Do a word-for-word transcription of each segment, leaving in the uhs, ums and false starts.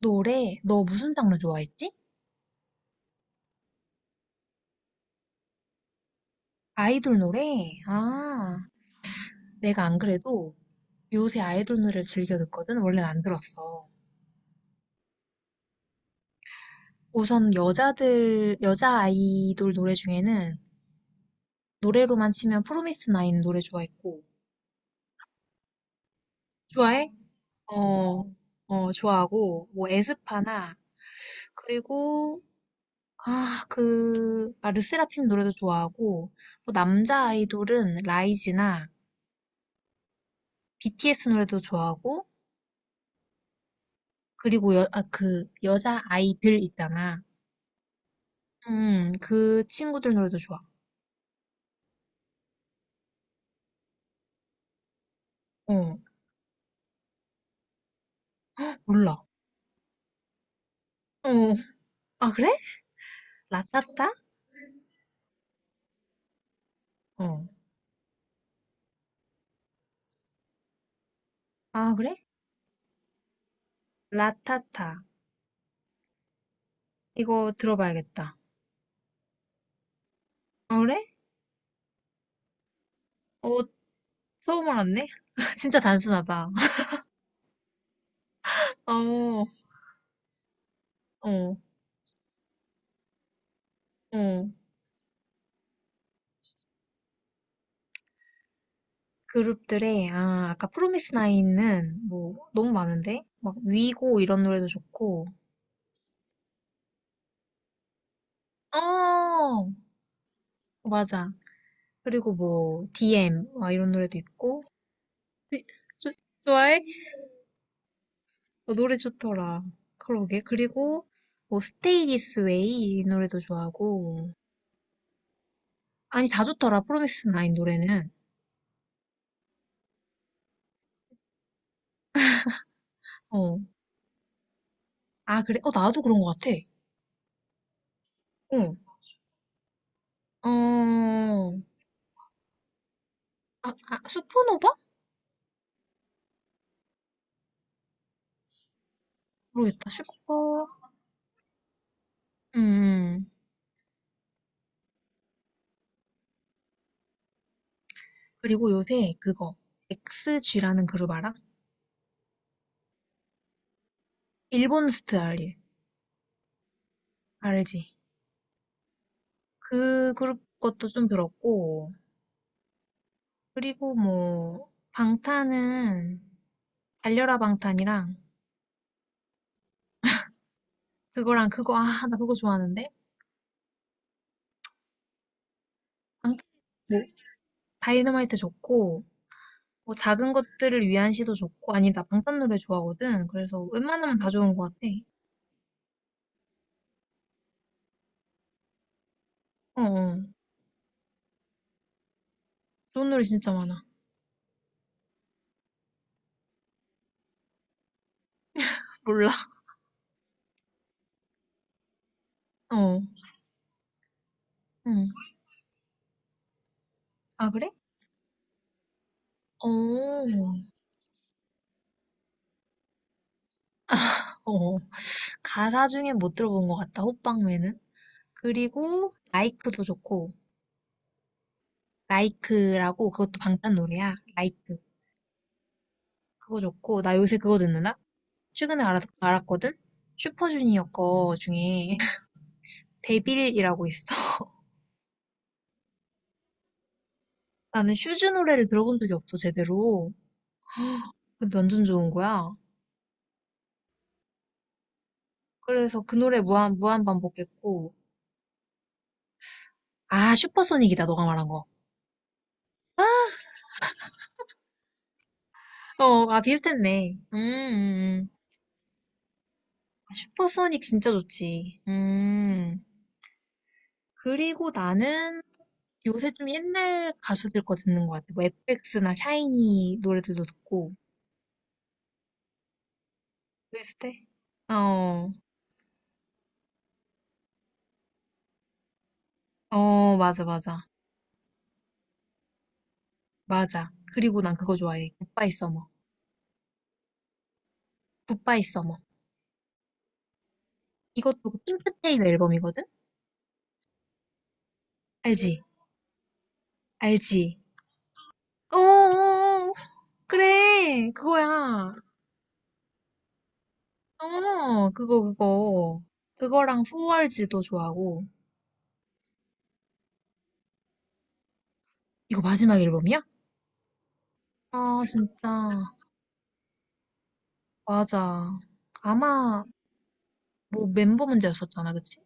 노래? 너 무슨 장르 좋아했지? 아이돌 노래? 아, 내가 안 그래도 요새 아이돌 노래를 즐겨 듣거든? 원래는 안 들었어. 우선 여자들, 여자 아이돌 노래 중에는 노래로만 치면 프로미스 나인 노래 좋아했고. 좋아해? 어, 어, 좋아하고, 뭐, 에스파나, 그리고, 아, 그, 아, 르세라핌 노래도 좋아하고, 또 남자 아이돌은 라이즈나 비티에스 노래도 좋아하고, 그리고 여, 아, 그 여자 아이들 있잖아. 음, 그 친구들 노래도 좋아. 어, 몰라. 어, 아, 그래? 라타타? 어, 아, 그래? 라타타. 이거 들어봐야겠다. 아, 그래? 어, 처음 알았네? 진짜 단순하다. 어, 어, 어. 그룹들의, 아, 아까 프로미스 나인은 뭐, 너무 많은데? 막, 위고 이런 노래도 좋고, 어, 맞아. 그리고 뭐, 디엠, 막 이런 노래도 있고, 좋- 좋아해? 어, 노래 좋더라. 그러게. 그리고 뭐 스테이 디스 웨이 이 노래도 좋아하고. 아니 다 좋더라. 프로미스 나인 노래는. 어. 아 그래? 어 나도 그런 것 같아. 어. 어. 아, 아 슈퍼노바? 모르겠다. 슈퍼. 음. 음. 그리고 요새 그거 엑스지라는 그룹 알아? 일본 스타일 알지? 그 그룹 것도 좀 들었고. 그리고 뭐 방탄은 달려라 방탄이랑 그거랑 그거, 아, 나 그거 좋아하는데? 방탄, 다이너마이트 좋고, 뭐 작은 것들을 위한 시도 좋고, 아니, 나 방탄 노래 좋아하거든. 그래서 웬만하면 다 좋은 것 같아. 어, 어. 좋은 노래 진짜 많아. 몰라. 어, 응. 아, 그래? 어, 어. 어. 가사 중에 못 들어본 것 같다, 호빵맨은. 그리고, 라이크도 좋고, 라이크라고, 그것도 방탄 노래야. 라이크. 그거 좋고, 나 요새 그거 듣는다? 최근에 알았, 알았거든? 슈퍼주니어 거 중에. 데빌이라고 있어. 나는 슈즈 노래를 들어본 적이 없어, 제대로. 근데 완전 좋은 거야. 그래서 그 노래 무한, 무한 반복했고. 아, 슈퍼소닉이다, 너가 말한 거. 어, 아, 비슷했네. 음, 음, 음. 아, 슈퍼소닉 진짜 좋지. 음. 그리고 나는 요새 좀 옛날 가수들 거 듣는 것 같아. 뭐, 에프엑스나 샤이니 노래들도 듣고. 비슷해? 어, 어, 맞아, 맞아. 맞아. 그리고 난 그거 좋아해. 굿바이 서머. 굿바이 서머. 이것도 그 핑크테일 앨범이거든? 알지? 알지? 어어어. 그래. 그거야. 어, 그거, 그거. 그거랑 포알지도 좋아하고. 이거 마지막 앨범이야? 아, 진짜. 맞아. 아마, 뭐, 멤버 문제였었잖아, 그치?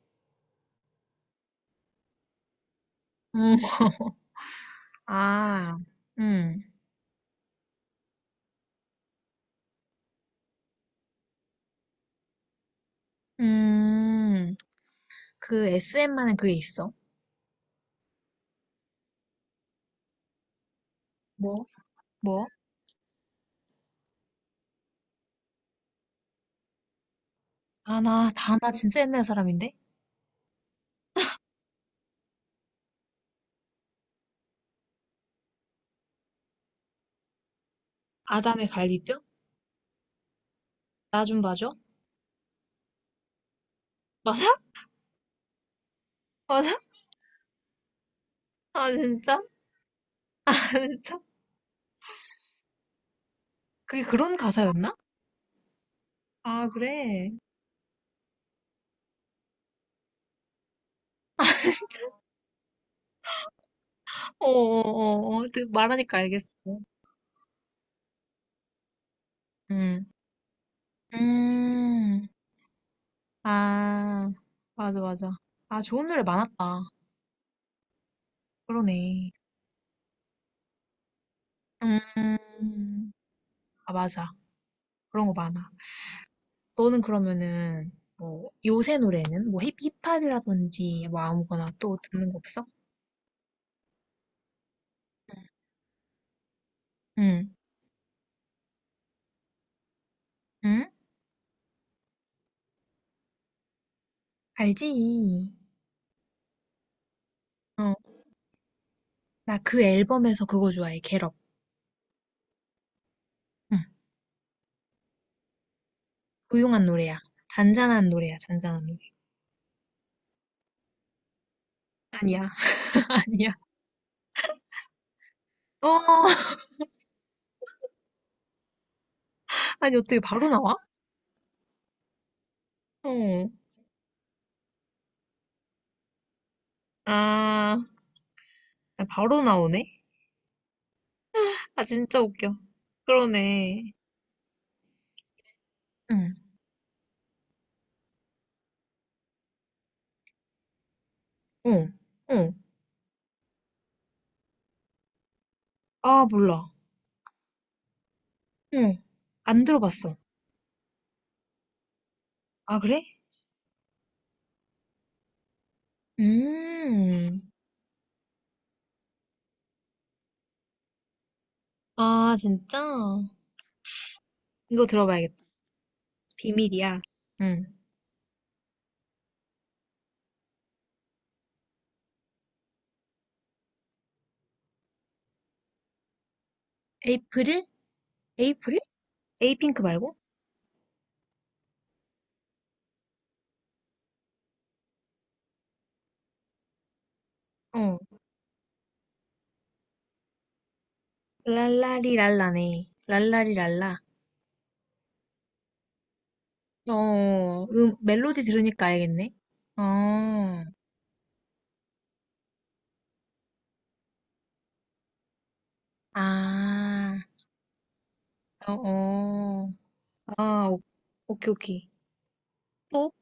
응. 아, 음. 음. 그 에스엠만은 그게 있어. 뭐? 뭐? 아, 나, 다 나 진짜 옛날 사람인데? 아담의 갈비뼈? 나 좀 봐줘. 맞아? 맞아? 아, 진짜? 아, 진짜? 그게 그런 가사였나? 아, 그래. 어어어어. 말하니까 알겠어. 음. 음. 아, 맞아, 맞아. 아, 좋은 노래 많았다. 그러네. 음. 아, 맞아. 그런 거 많아. 너는 그러면은, 뭐, 요새 노래는? 뭐, 힙, 힙합이라든지, 뭐, 아무거나 또 듣는 거 없어? 응. 응? 알지. 어. 나 그 앨범에서 그거 좋아해, 겟업. 조용한 노래야. 잔잔한 노래야, 잔잔한 노래. 아니야, 아니야. 어, 아니, 어떻게 바로 나와? 어, 아, 바로 나오네? 아, 진짜 웃겨. 그러네. 응, 어, 어. 아, 몰라. 응, 안 들어봤어. 아, 그래? 음, 아, 진짜? 이거 들어봐야겠다. 비밀이야. 응. 에이프릴? 에이프릴? 에이핑크 말고? 어. 랄라리랄라네. 랄라리랄라. 어, 음, 멜로디 들으니까 알겠네. 어, 아, 어, 어, 아, 오, 오케이, 오케이. 또?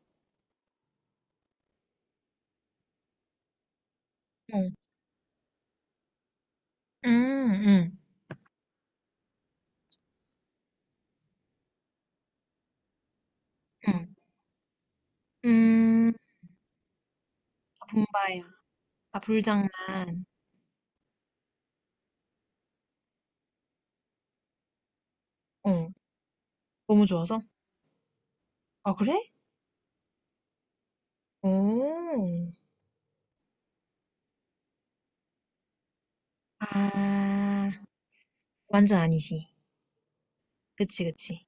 어, 음, 음, 음, 음, 아, 붐바야. 아, 불장난. 어, 너무 좋아서? 아, 그래? 오, 아, 완전 아니지. 그치, 그치.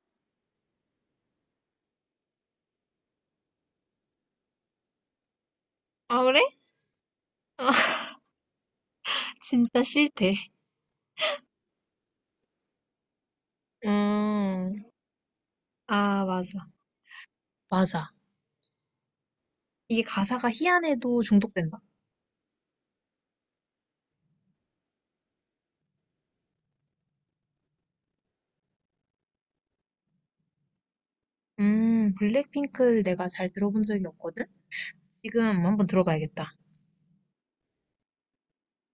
아, 그래? 아, 진짜 싫대. 음, 아, 맞아. 맞아. 이게 가사가 희한해도 중독된다. 음, 블랙핑크를 내가 잘 들어본 적이 없거든? 지금 한번 들어봐야겠다.